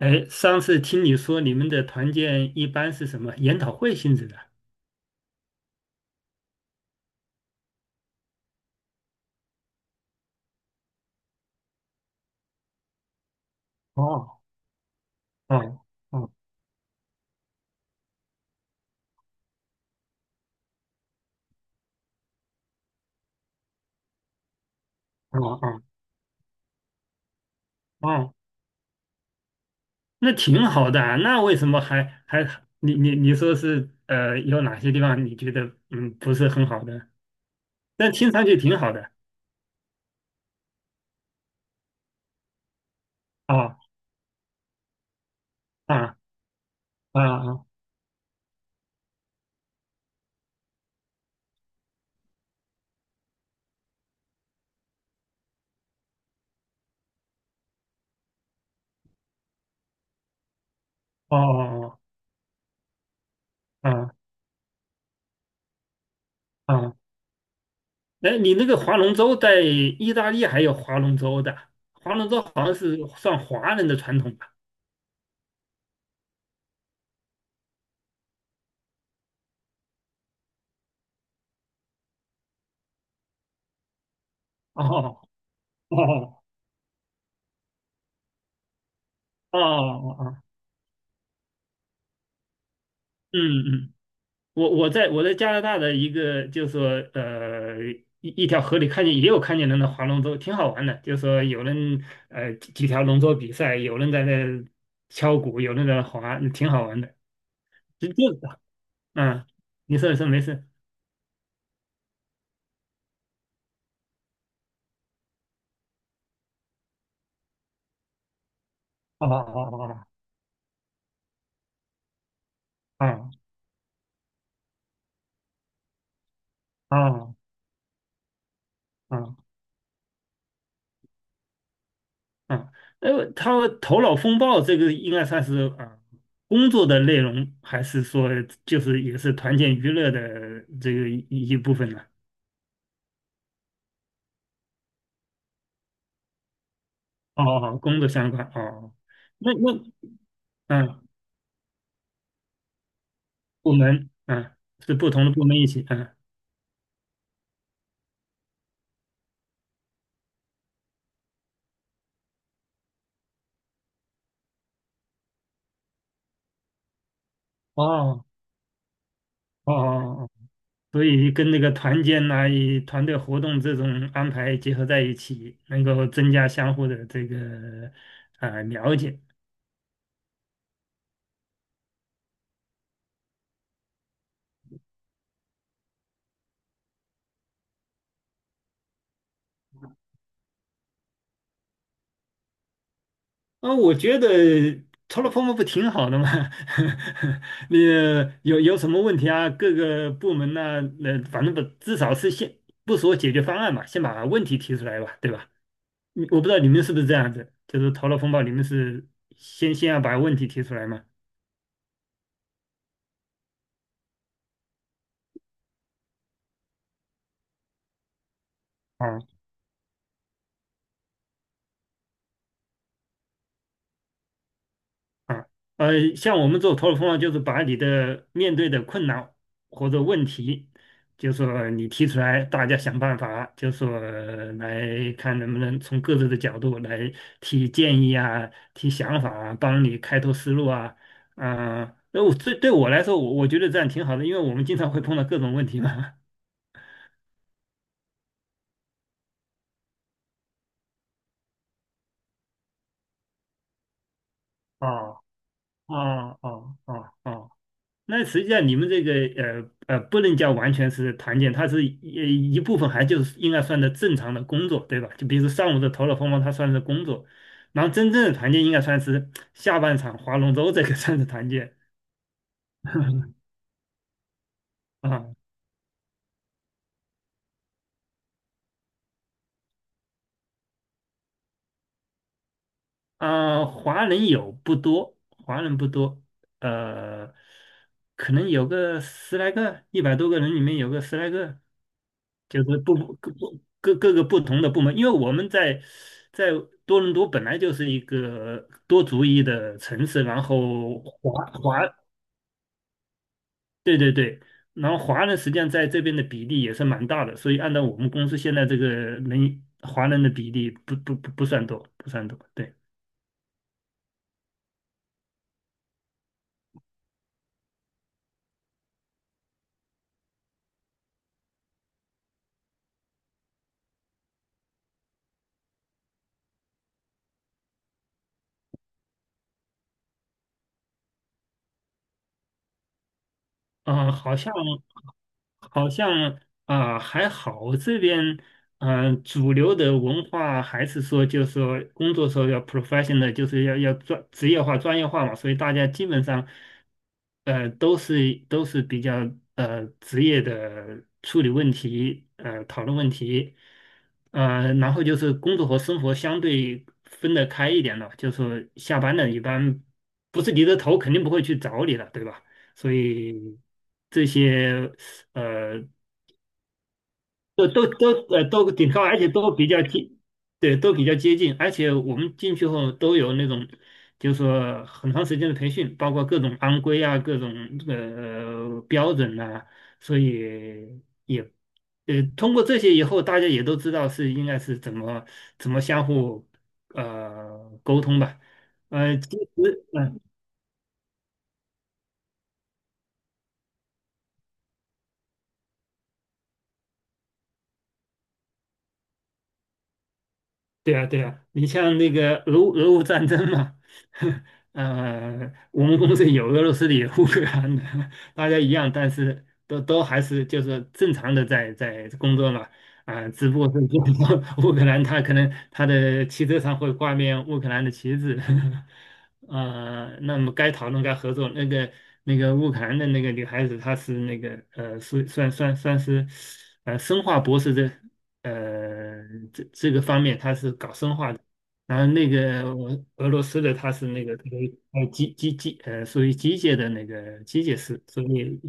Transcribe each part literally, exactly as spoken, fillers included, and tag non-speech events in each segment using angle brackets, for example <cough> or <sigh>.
哎，上次听你说你们的团建一般是什么研讨会性质的？哦，哦哦哦哦哦，那挺好的啊，那为什么还还你你你说是呃有哪些地方你觉得嗯不是很好的？但听上去挺好的。啊啊啊啊哦哦哦啊啊！哎，你那个划龙舟在意大利还有划龙舟的，划龙舟好像是算华人的传统吧？哦哦哦哦哦，嗯嗯，我我在我在加拿大的一个就是说呃一一条河里看见也有看见人的划龙舟，挺好玩的。就是说有人呃几几条龙舟比赛，有人在那敲鼓，有人在那划，挺好玩的。就就嗯，你说你说没事。好好好好，哦哦哦哦。呃，他头脑风暴这个应该算是啊、呃工作的内容，还是说就是也是团建娱乐的这个一一部分呢？哦哦，哦工作相关哦。那那嗯，部门嗯是不同的部门一起嗯，哦哦哦哦，所以跟那个团建呐、与团队活动这种安排结合在一起，能够增加相互的这个啊、了解。啊、我觉得 t 了 l o p o m 不挺好的吗？<laughs> 你有有什么问题啊？各个部门呐、呃，反正不至少是先不说解决方案嘛，先把问题提出来吧，对吧？你我不知道你们是不是这样子，就是头脑风暴，你们是先先要把问题提出来嘛？啊啊，呃，像我们做头脑风暴，就是把你的面对的困难或者问题，就说你提出来，大家想办法，就说来看能不能从各自的角度来提建议啊，提想法啊，帮你开拓思路啊。啊，那我这对我来说，我我觉得这样挺好的，因为我们经常会碰到各种问题嘛。<laughs> 哦哦哦哦哦，那实际上你们这个呃呃，不能叫完全是团建，它是一一部分，还就是应该算的正常的工作，对吧？就比如说上午的头脑风暴，它算是工作，然后真正的团建应该算是下半场划龙舟这个 <laughs> 算是团建。啊啊，华人有不多，华人不多。呃，可能有个十来个，一百多个人里面有个十来个，就是不各不各各个不同的部门，因为我们在在多伦多本来就是一个多族裔的城市，然后华华对对对。然后华人实际上在这边的比例也是蛮大的，所以按照我们公司现在这个人华人的比例不不不不算多，不算多，对。嗯、呃好像好像啊、还好，这边嗯、呃主流的文化还是说，就是说工作时候要 professional，就是要要专职业化、专业化嘛，所以大家基本上呃都是都是比较呃职业的处理问题，呃讨论问题。呃，然后就是工作和生活相对分得开一点了，就是说下班了一般不是你的头肯定不会去找你了，对吧？所以这些呃都都都呃都挺高，而且都比较接，对，都比较接近，而且我们进去后都有那种，就是说很长时间的培训，包括各种安规啊，各种呃标准呐，所以也呃通过这些以后，大家也都知道是应该是怎么怎么相互呃沟通吧。呃，其实，嗯。对啊，对啊，你像那个俄乌俄乌战争嘛。<laughs> 呃，我们公司有俄罗斯的，有乌克兰的，大家一样，但是都都还是就是正常的在在工作嘛。啊、只不过是就是说 <laughs> 乌克兰他可能他的汽车上会挂面乌克兰的旗帜。<laughs> 呃，那么该讨论该合作，那个那个乌克兰的那个女孩子，她是那个呃，算算算算是呃生化博士的呃，这这个方面它是搞生化的，然后那个我俄罗斯的它是那个呃机机机呃属于机械的那个机械师，所以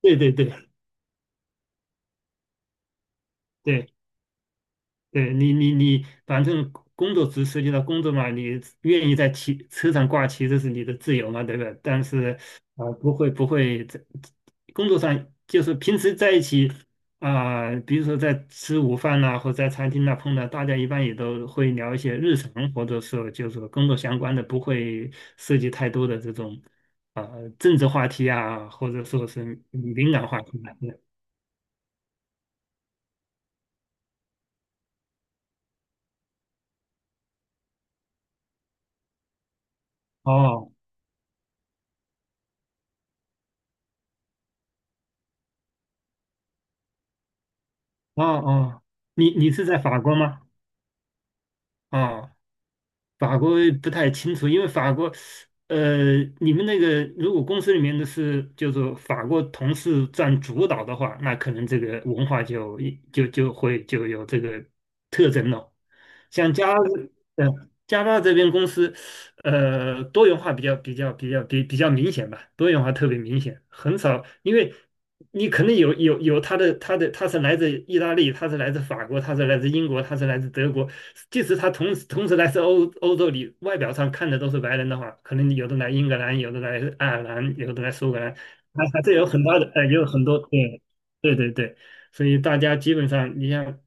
对对对对。对，你，你你反正工作只涉及到工作嘛，你愿意在旗车上挂旗，这是你的自由嘛，对不对？但是啊、呃不会不会在工作上，就是平时在一起啊、比如说在吃午饭呐、或者在餐厅呐、碰到，大家一般也都会聊一些日常，或者说就是说工作相关的，不会涉及太多的这种啊、政治话题啊，或者说是敏感话题啊。哦哦哦，你你是在法国吗？哦。法国不太清楚，因为法国，呃，你们那个如果公司里面的是就是说法国同事占主导的话，那可能这个文化就就就会就有这个特征了。像加嗯，呃，加拿大这边公司，呃，多元化比较比较比较比比较明显吧，多元化特别明显。很少，因为你可能有有有他的他的他是来自意大利，他是来自法国，他是来自英国，他是来自德国，即使他同时同时来自欧欧洲里，外表上看的都是白人的话，可能有的来英格兰，有的来爱尔兰，有的来苏格兰，还还是有很大的呃，也有很多对对对对，所以大家基本上你像。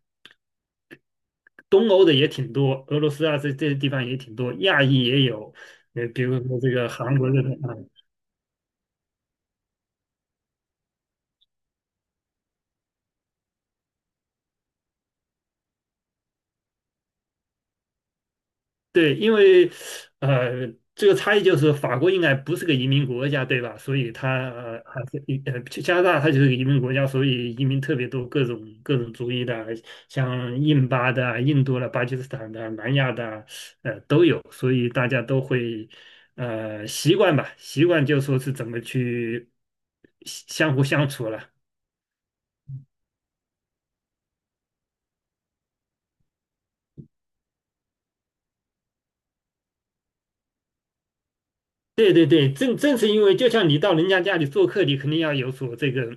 东欧的也挺多，俄罗斯啊这这些地方也挺多，亚裔也有。呃，比如说这个韩国这边啊，对，因为呃这个差异就是法国应该不是个移民国家，对吧？所以它呃还是一呃加拿大它就是个移民国家，所以移民特别多，各种各种族裔的，像印巴的啊印度的、巴基斯坦的啊、南亚的啊呃都有，所以大家都会。呃，习惯吧，习惯就说是怎么去相相互相处了。对对对，正正是因为就像你到人家家里做客，你肯定要有所这个，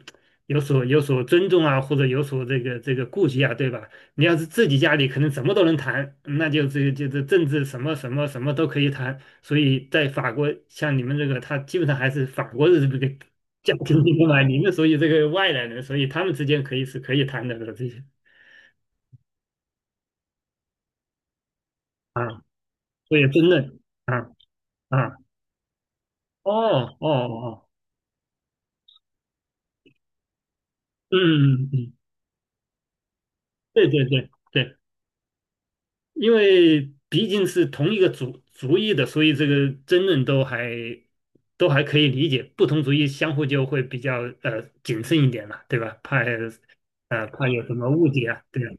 有所有所尊重啊，或者有所这个这个顾忌啊，对吧？你要是自己家里，可能什么都能谈，那就这就是政治什么什么什么都可以谈。所以在法国，像你们这个，他基本上还是法国人的这个家庭结构嘛，你们所以这个外来人，所以他们之间可以是可以谈的了这些。啊，所以真的啊啊，哦哦哦，嗯嗯嗯，嗯对对对。对，因为毕竟是同一个族族裔的，所以这个争论都还都还可以理解。不同族裔相互就会比较呃谨慎一点了，对吧？怕呃怕有什么误解啊，对吧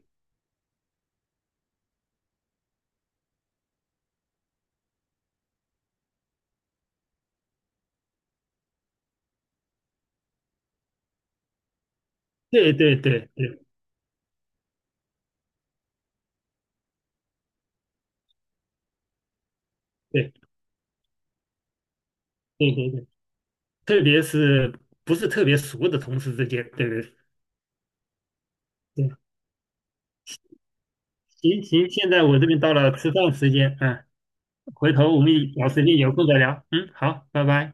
对对对对对对对对，特别是不是特别熟的同事之间，对对对。行行，现在我这边到了吃饭时间，嗯，回头我们有时间有空再聊。嗯，好，拜拜。